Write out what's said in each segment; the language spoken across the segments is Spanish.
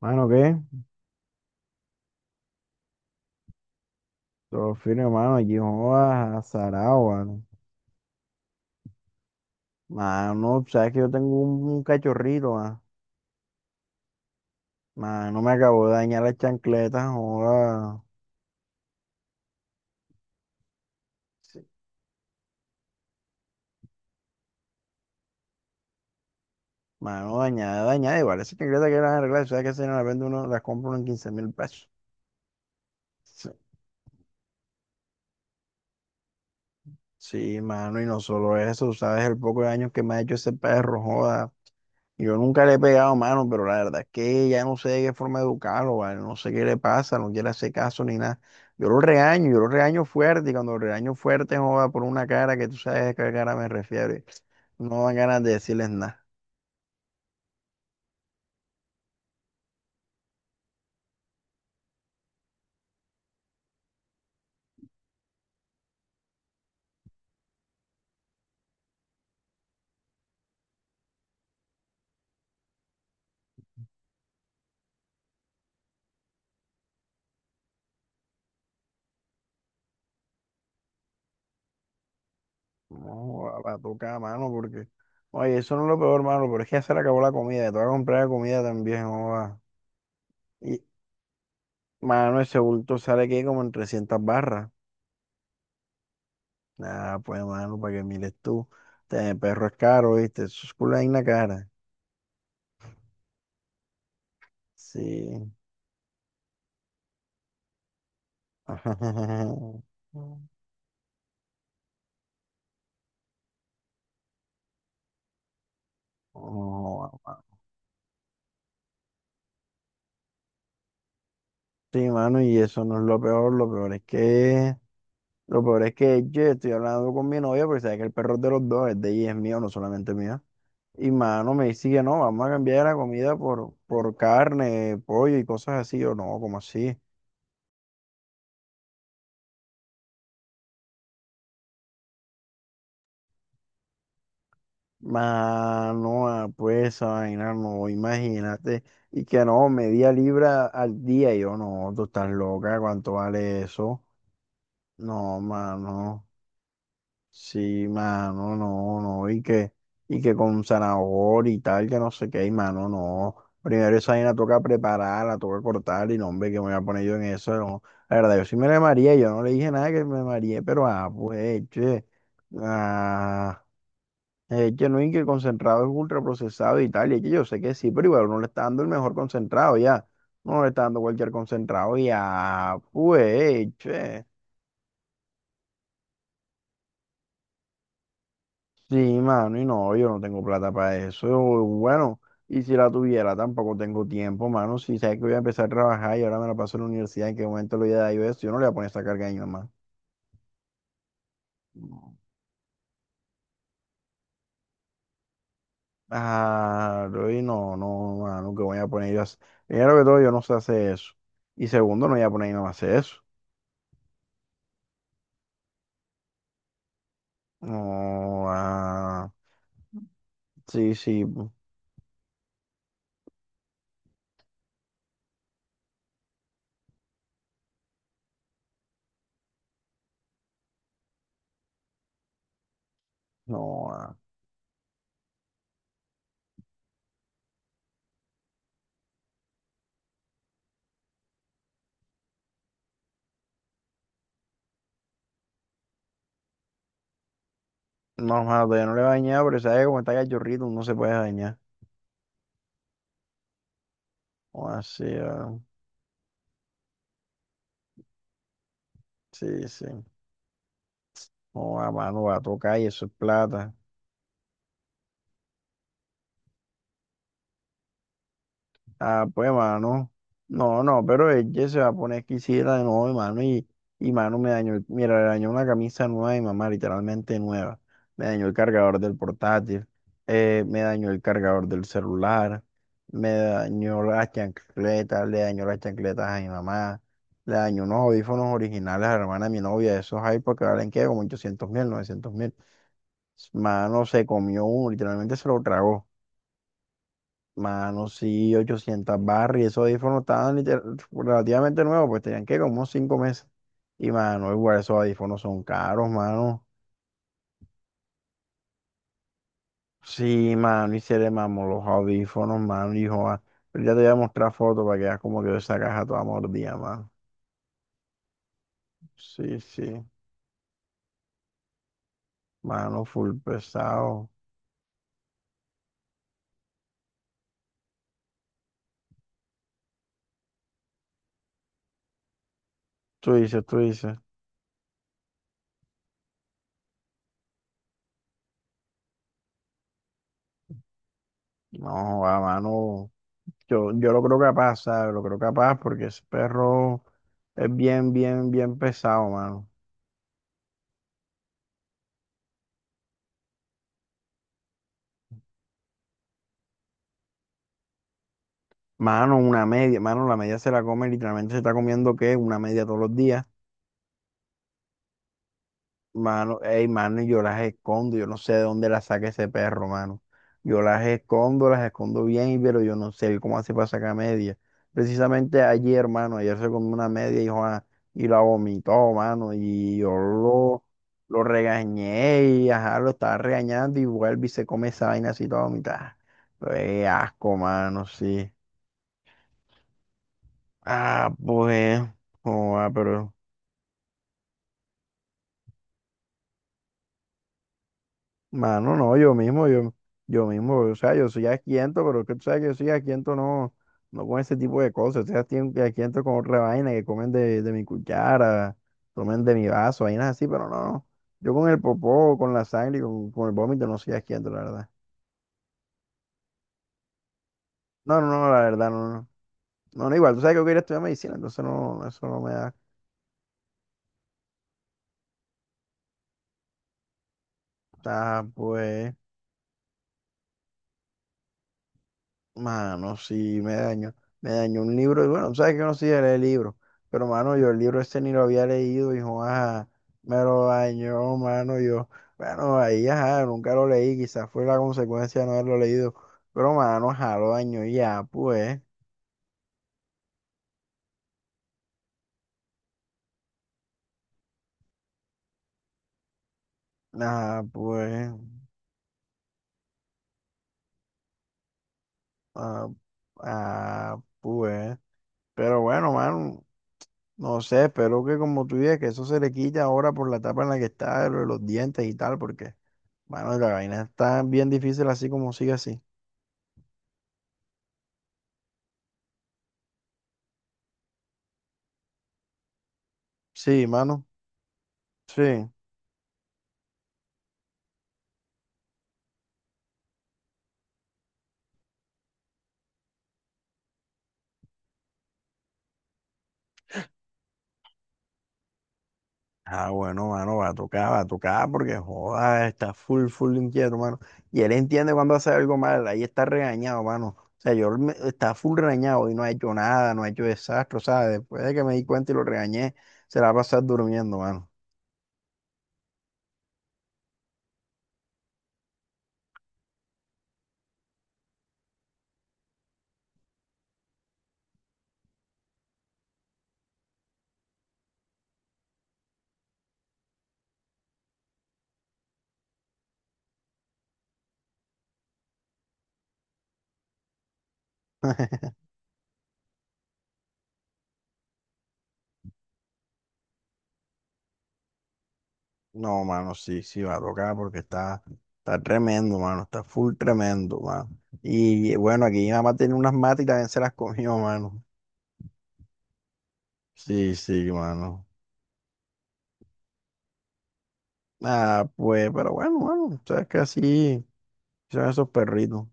Mano, ¿qué? Todo firme, mano. Aquí jodas a Saragua. Mano, sabes que yo tengo un cachorrito, ma. Mano, me acabó de dañar la chancleta, joda. Sí. Mano, dañada, dañada. Igual, esa chancleta que las arreglar, sabes que si no la vende uno, las compra uno en 15.000 pesos. Sí, sí, mano, y no solo eso, sabes el poco de daño que me ha hecho ese perro, joda. Yo nunca le he pegado mano, pero la verdad es que ya no sé de qué forma educarlo, ¿vale? No sé qué le pasa, no quiere hacer caso ni nada. Yo lo regaño fuerte, y cuando lo regaño fuerte, joda, por una cara que tú sabes a qué cara me refiero. No dan ganas de decirles nada. No, va a tocar mano porque. Oye, eso no es lo peor, mano, pero es que ya se le acabó la comida, te voy a comprar comida también, joda. Y, mano, ese bulto sale aquí como en 300 barras. Nada, pues, mano, para que mires tú. Este perro es caro, ¿viste? Eso es culo en la cara. Sí. Oh, sí, mano, y eso no es lo peor es que, lo peor es que yo estoy hablando con mi novia porque sabes que el perro es de los dos, es de ella, y es mío, no solamente mío. Y mano me dice que no, vamos a cambiar la comida por carne, pollo y cosas así, o no, como así. Mano, pues esa vaina, no, imagínate. Y que no, media libra al día, y yo no, tú estás loca, ¿cuánto vale eso? No, mano. Sí, mano, no, no, y que con zanahoria y tal, que no sé qué, y mano, no. Primero esa vaina toca prepararla, toca cortar, y no, hombre, que me voy a poner yo en eso, no. La verdad, yo sí me la mareé, yo no le dije nada que me mareé, pero pues, che, ah, que no, y que el concentrado es ultraprocesado y tal, y es que yo sé que sí, pero igual uno le está dando el mejor concentrado ya, no le está dando cualquier concentrado, y ya, pues, che. Sí, mano, y no, yo no tengo plata para eso. Bueno, y si la tuviera, tampoco tengo tiempo, mano. Si sabes que voy a empezar a trabajar y ahora me la paso en la universidad, ¿en qué momento le voy a dar yo eso? Yo no le voy a poner esa carga a mi mamá. No. Ah, y no, no, mano, que voy a poner yo a hacer- Primero que todo, yo no sé hacer eso. Y segundo, no voy a poner a mi mamá a hacer eso. No, ah, sí, sí, no, ah. No, mano, todavía no le voy a dañar, pero sabes que como está cachorrito, no se puede dañar. O así, ah, sí, sí. No, a mano va a tocar y eso es plata. Ah, pues, mano. No, no, pero ella se va a poner exquisita de nuevo, mano. Y mano me dañó, mira, le dañó una camisa nueva y mamá, literalmente nueva. Me dañó el cargador del portátil. Me dañó el cargador del celular. Me dañó las chancletas. Le dañó las chancletas a mi mamá. Le dañó unos audífonos originales a la hermana de mi novia. Esos iPods que valen, ¿qué? Como 800.000, 900.000. Mano, se comió uno, literalmente se lo tragó. Mano, sí, 800 barras y esos audífonos estaban liter- relativamente nuevos, pues tenían que como unos 5 meses. Y mano, igual esos audífonos son caros, mano. Sí, mano, y se le mamó los audífonos, mano, hijo. Pero ya te voy a mostrar fotos para que veas como quedó esa caja toda mordida, mano. Sí, sí, mano, full pesado. Tú dices, tú dices. No, a mano, yo lo creo capaz, ¿sabes? Lo creo capaz porque ese perro es bien, bien, bien pesado, mano. Mano, una media, mano, la media se la come, literalmente se está comiendo ¿qué? Una media todos los días. Mano, ey, mano, y yo las escondo, yo no sé de dónde las saca ese perro, mano. Yo las escondo bien, pero yo no sé cómo hace para sacar media. Precisamente ayer, hermano, ayer se comió una media y, joa, y la vomitó, mano, y lo regañé y ajá, lo estaba regañando y vuelve y se come esa vaina así toda vomitada. Pero, ey, asco, mano, sí. Ah, pues, joa, pero. Mano, no, yo mismo, o sea, yo soy asquiento, pero que tú sabes que yo soy asquiento no, no con ese tipo de cosas, estoy asquien- asquiento con otra vaina, que comen de mi cuchara, tomen de mi vaso, vainas así, pero no, no, yo con el popó, con la sangre y con el vómito no soy asquiento, la verdad. No, no, no, la verdad, no, no, no, no, igual, tú sabes que yo quería estudiar medicina, entonces no, eso no me da, ah, pues. Mano, sí, me dañó. Me dañó un libro. Y bueno, tú sabes que yo no soy de leer libros. Pero, mano, yo el libro este ni lo había leído. Y, ajá, me lo dañó, mano. Yo, bueno, ahí, ajá, nunca lo leí. Quizás fue la consecuencia de no haberlo leído. Pero, mano, ajá, lo dañó y ya, pues. Ah, pues. Ah, ah, pues. Pero bueno, mano, no sé. Espero que, como tú dices, que eso se le quite ahora por la etapa en la que está, lo de los dientes y tal, porque. Mano, la vaina está bien difícil así como sigue así. Sí, mano. Sí. Ah, bueno, mano, va a tocar, porque joda, está full, full inquieto, mano. Y él entiende cuando hace algo mal, ahí está regañado, mano. O sea, está full regañado y no ha hecho nada, no ha hecho desastre, ¿sabes? Después de que me di cuenta y lo regañé, se la va a pasar durmiendo, mano. No, mano, sí, sí, va a tocar porque está, está tremendo, mano, está full tremendo, mano. Y bueno, aquí mi mamá tiene unas matas y también se las comió, mano. Sí, sí, mano. Ah, pues, pero bueno, mano, sabes que así son esos perritos.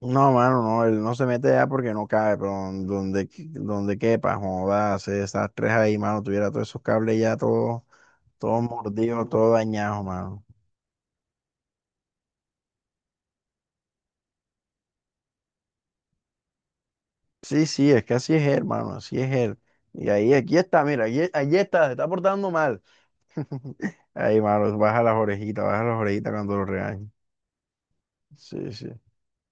No, mano, no, él no se mete allá porque no cabe, pero donde quepa, joda, se esas tres ahí, mano, tuviera todos esos cables ya todos, todos mordidos, todos dañados, mano. Sí, sí, es que así es él, mano, así es él. Y ahí, aquí está, mira, allí está, se está portando mal. Ahí, mano, baja las orejitas cuando lo regañen. Sí, sí.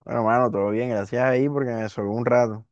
Bueno, mano, todo bien, gracias ahí porque me sobró un rato.